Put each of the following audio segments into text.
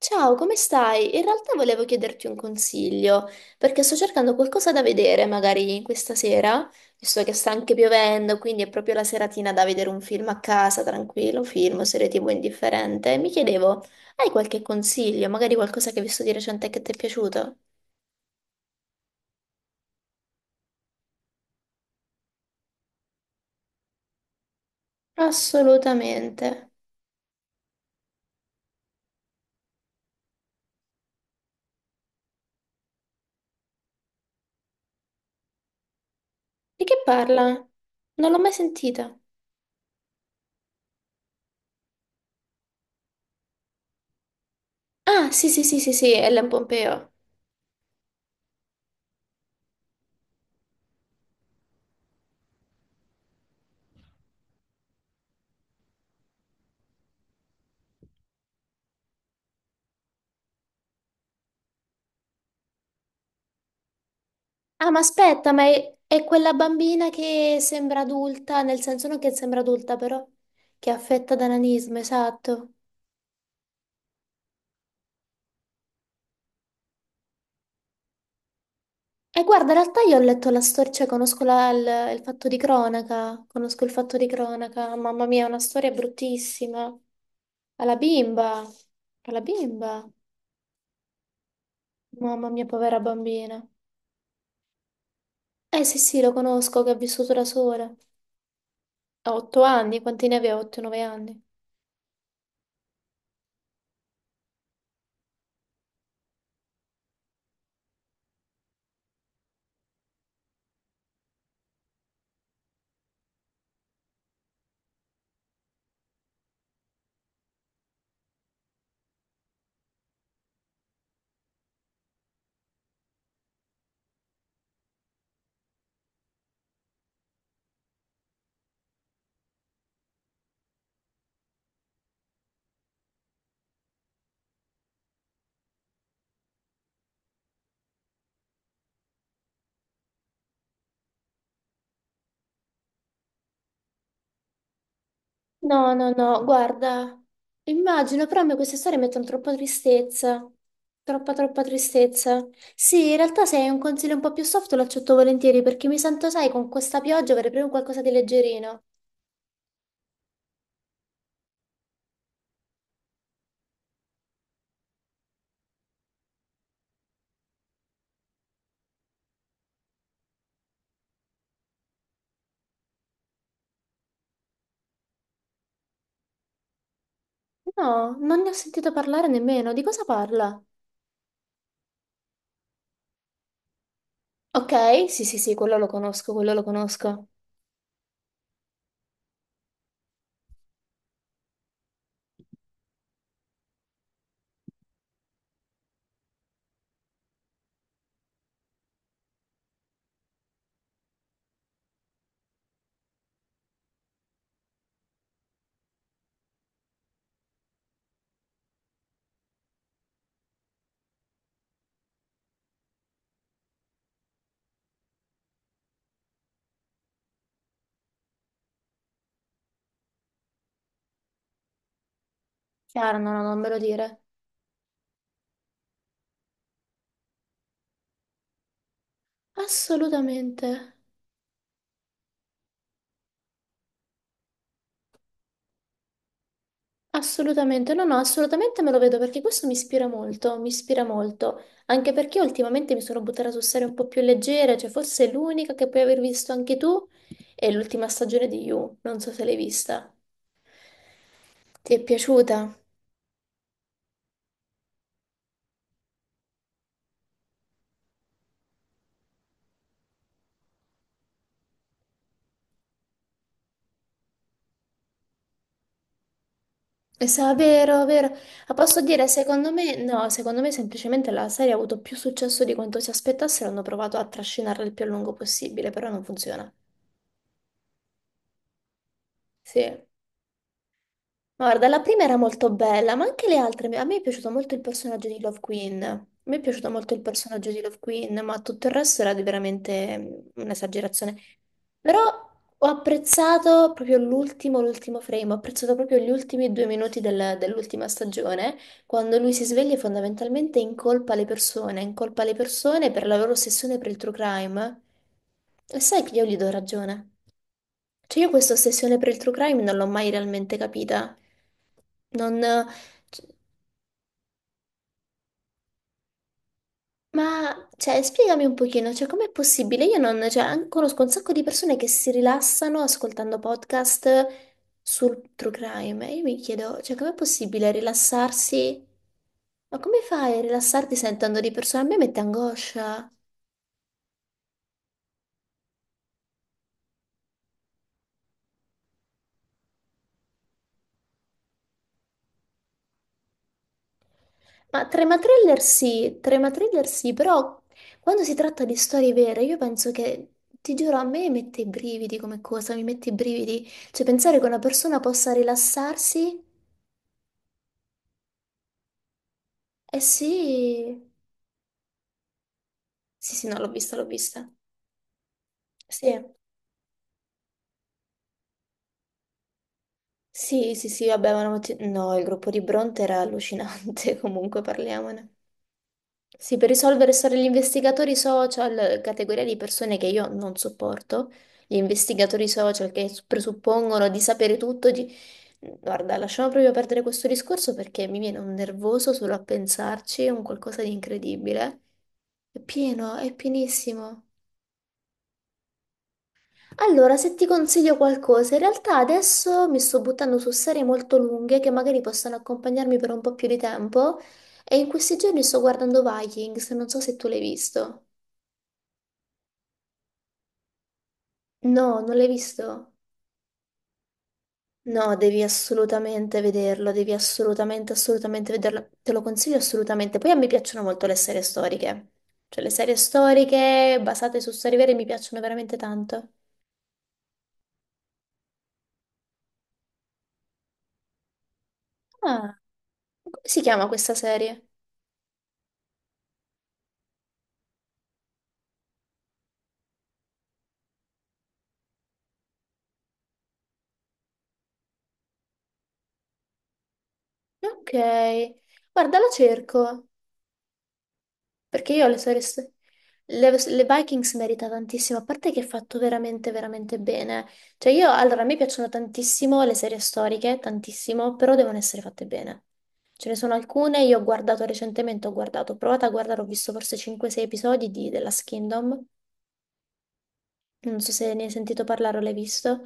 Ciao, come stai? In realtà volevo chiederti un consiglio, perché sto cercando qualcosa da vedere magari questa sera, visto che sta anche piovendo, quindi è proprio la seratina da vedere un film a casa, tranquillo, film, serie TV indifferente. E mi chiedevo, hai qualche consiglio, magari qualcosa che hai visto di recente che ti è piaciuto? Assolutamente. Di che parla? Non l'ho mai sentita. Ah, sì, sì, sì, sì, sì, Ellen Pompeo. Ah, ma aspetta, ma è quella bambina che sembra adulta, nel senso non che sembra adulta, però che è affetta da nanismo, esatto. E guarda, in realtà io ho letto la storia, cioè conosco il fatto di cronaca, conosco il fatto di cronaca, mamma mia, è una storia bruttissima. Alla bimba, alla bimba, mamma mia, povera bambina. Eh sì, sì, lo conosco, che ha vissuto da sola. A 8 anni, quanti ne aveva? 8, 9 anni. No, no, no, guarda, immagino, però a me queste storie mettono troppa tristezza, troppa, troppa tristezza. Sì, in realtà se hai un consiglio un po' più soft lo accetto volentieri perché mi sento, sai, con questa pioggia avrei proprio qualcosa di leggerino. No, non ne ho sentito parlare nemmeno, di cosa parla? Ok, sì, sì, sì, quello lo conosco, quello lo conosco. Chiaro, no, no, non me lo dire. Assolutamente. Assolutamente, no, no, assolutamente me lo vedo perché questo mi ispira molto, anche perché ultimamente mi sono buttata su serie un po' più leggere, cioè forse è l'unica che puoi aver visto anche tu è l'ultima stagione di You, non so se l'hai vista. Ti è piaciuta? Sa, vero, vero. Ma posso dire, secondo me, no, secondo me semplicemente la serie ha avuto più successo di quanto si aspettassero, hanno provato a trascinarla il più a lungo possibile, però non funziona. Sì. Guarda, la prima era molto bella, ma anche le altre. A me è piaciuto molto il personaggio di Love Queen. A me è piaciuto molto il personaggio di Love Queen, ma tutto il resto era di veramente un'esagerazione. Però ho apprezzato proprio l'ultimo frame, ho apprezzato proprio gli ultimi 2 minuti dell'ultima stagione, quando lui si sveglia e fondamentalmente incolpa le persone per la loro ossessione per il true crime. E sai che io gli do ragione. Cioè io questa ossessione per il true crime non l'ho mai realmente capita. Non... c- Ma, cioè, spiegami un pochino, cioè, com'è possibile? Io non... Cioè, conosco un sacco di persone che si rilassano ascoltando podcast sul true crime. E io mi chiedo, cioè, com'è possibile rilassarsi? Ma come fai a rilassarti sentendo di persone? A me mette angoscia. Ma trema thriller sì, però quando si tratta di storie vere, io penso che, ti giuro, a me mette i brividi come cosa, mi mette i brividi. Cioè, pensare che una persona possa rilassarsi, eh sì, sì, sì, no, l'ho vista, l'ho vista. Sì, sì, sì, sì, vabbè, ma no, il gruppo di Bronte era allucinante, comunque parliamone. Sì, per risolvere storie gli investigatori social, categoria di persone che io non sopporto, gli investigatori social che presuppongono di sapere tutto. Guarda, lasciamo proprio perdere questo discorso perché mi viene un nervoso solo a pensarci, è un qualcosa di incredibile. È pieno, è pienissimo. Allora, se ti consiglio qualcosa, in realtà adesso mi sto buttando su serie molto lunghe che magari possono accompagnarmi per un po' più di tempo e in questi giorni sto guardando Vikings, non so se tu l'hai visto. No, non l'hai visto? No, devi assolutamente vederlo, devi assolutamente, assolutamente vederlo. Te lo consiglio assolutamente. Poi a me piacciono molto le serie storiche. Cioè, le serie storiche basate su storie vere mi piacciono veramente tanto. Ah, come si chiama questa serie? Ok. Guarda, la cerco. Perché io le serie... s- le Vikings merita tantissimo, a parte che è fatto veramente, veramente bene. Cioè io, allora, a me piacciono tantissimo le serie storiche, tantissimo, però devono essere fatte bene. Ce ne sono alcune, io ho guardato recentemente, ho provato a guardare, ho visto forse 5-6 episodi di The Last Kingdom, non so se ne hai sentito parlare o l'hai visto.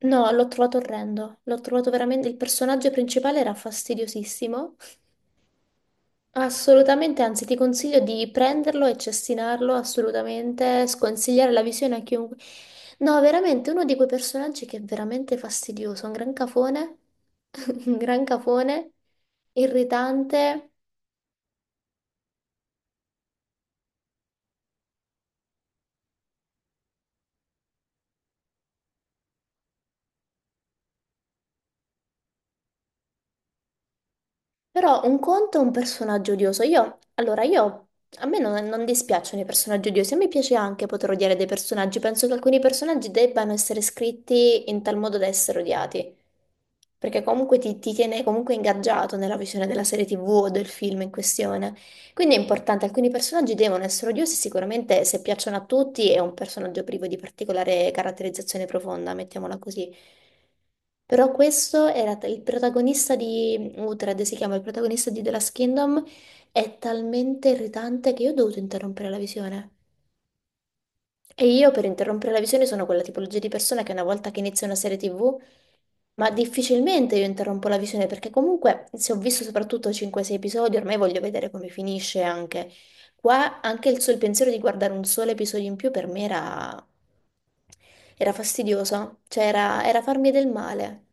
No, l'ho trovato orrendo, l'ho trovato veramente, il personaggio principale era fastidiosissimo. Assolutamente, anzi ti consiglio di prenderlo e cestinarlo, assolutamente, sconsigliare la visione a chiunque. No, veramente, uno di quei personaggi che è veramente fastidioso, un gran cafone, un gran cafone, irritante. Però un conto è un personaggio odioso. Io, allora, io, a me non dispiacciono i personaggi odiosi, a me piace anche poter odiare dei personaggi. Penso che alcuni personaggi debbano essere scritti in tal modo da essere odiati. Perché comunque ti tiene comunque ingaggiato nella visione della serie TV o del film in questione. Quindi è importante, alcuni personaggi devono essere odiosi, sicuramente se piacciono a tutti è un personaggio privo di particolare caratterizzazione profonda, mettiamola così. Però questo il protagonista di Uhtred, si chiama il protagonista di The Last Kingdom, è talmente irritante che io ho dovuto interrompere la visione. E io per interrompere la visione sono quella tipologia di persona che una volta che inizia una serie TV, ma difficilmente io interrompo la visione perché comunque se ho visto soprattutto 5-6 episodi, ormai voglio vedere come finisce anche. Qua anche il pensiero di guardare un solo episodio in più per me era fastidioso, cioè era farmi del male.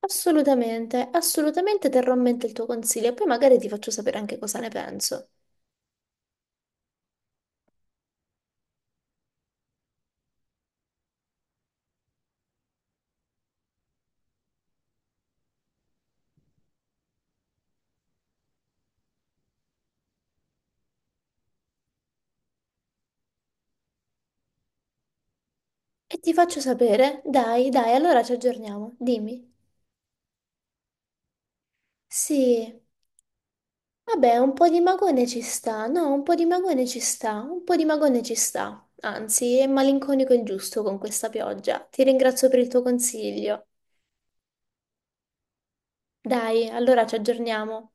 Assolutamente, assolutamente terrò a mente il tuo consiglio e poi magari ti faccio sapere anche cosa ne penso. E ti faccio sapere, dai, dai, allora ci aggiorniamo, dimmi. Sì, vabbè, un po' di magone ci sta, no, un po' di magone ci sta, un po' di magone ci sta. Anzi, è malinconico il giusto con questa pioggia. Ti ringrazio per il tuo consiglio. Dai, allora ci aggiorniamo.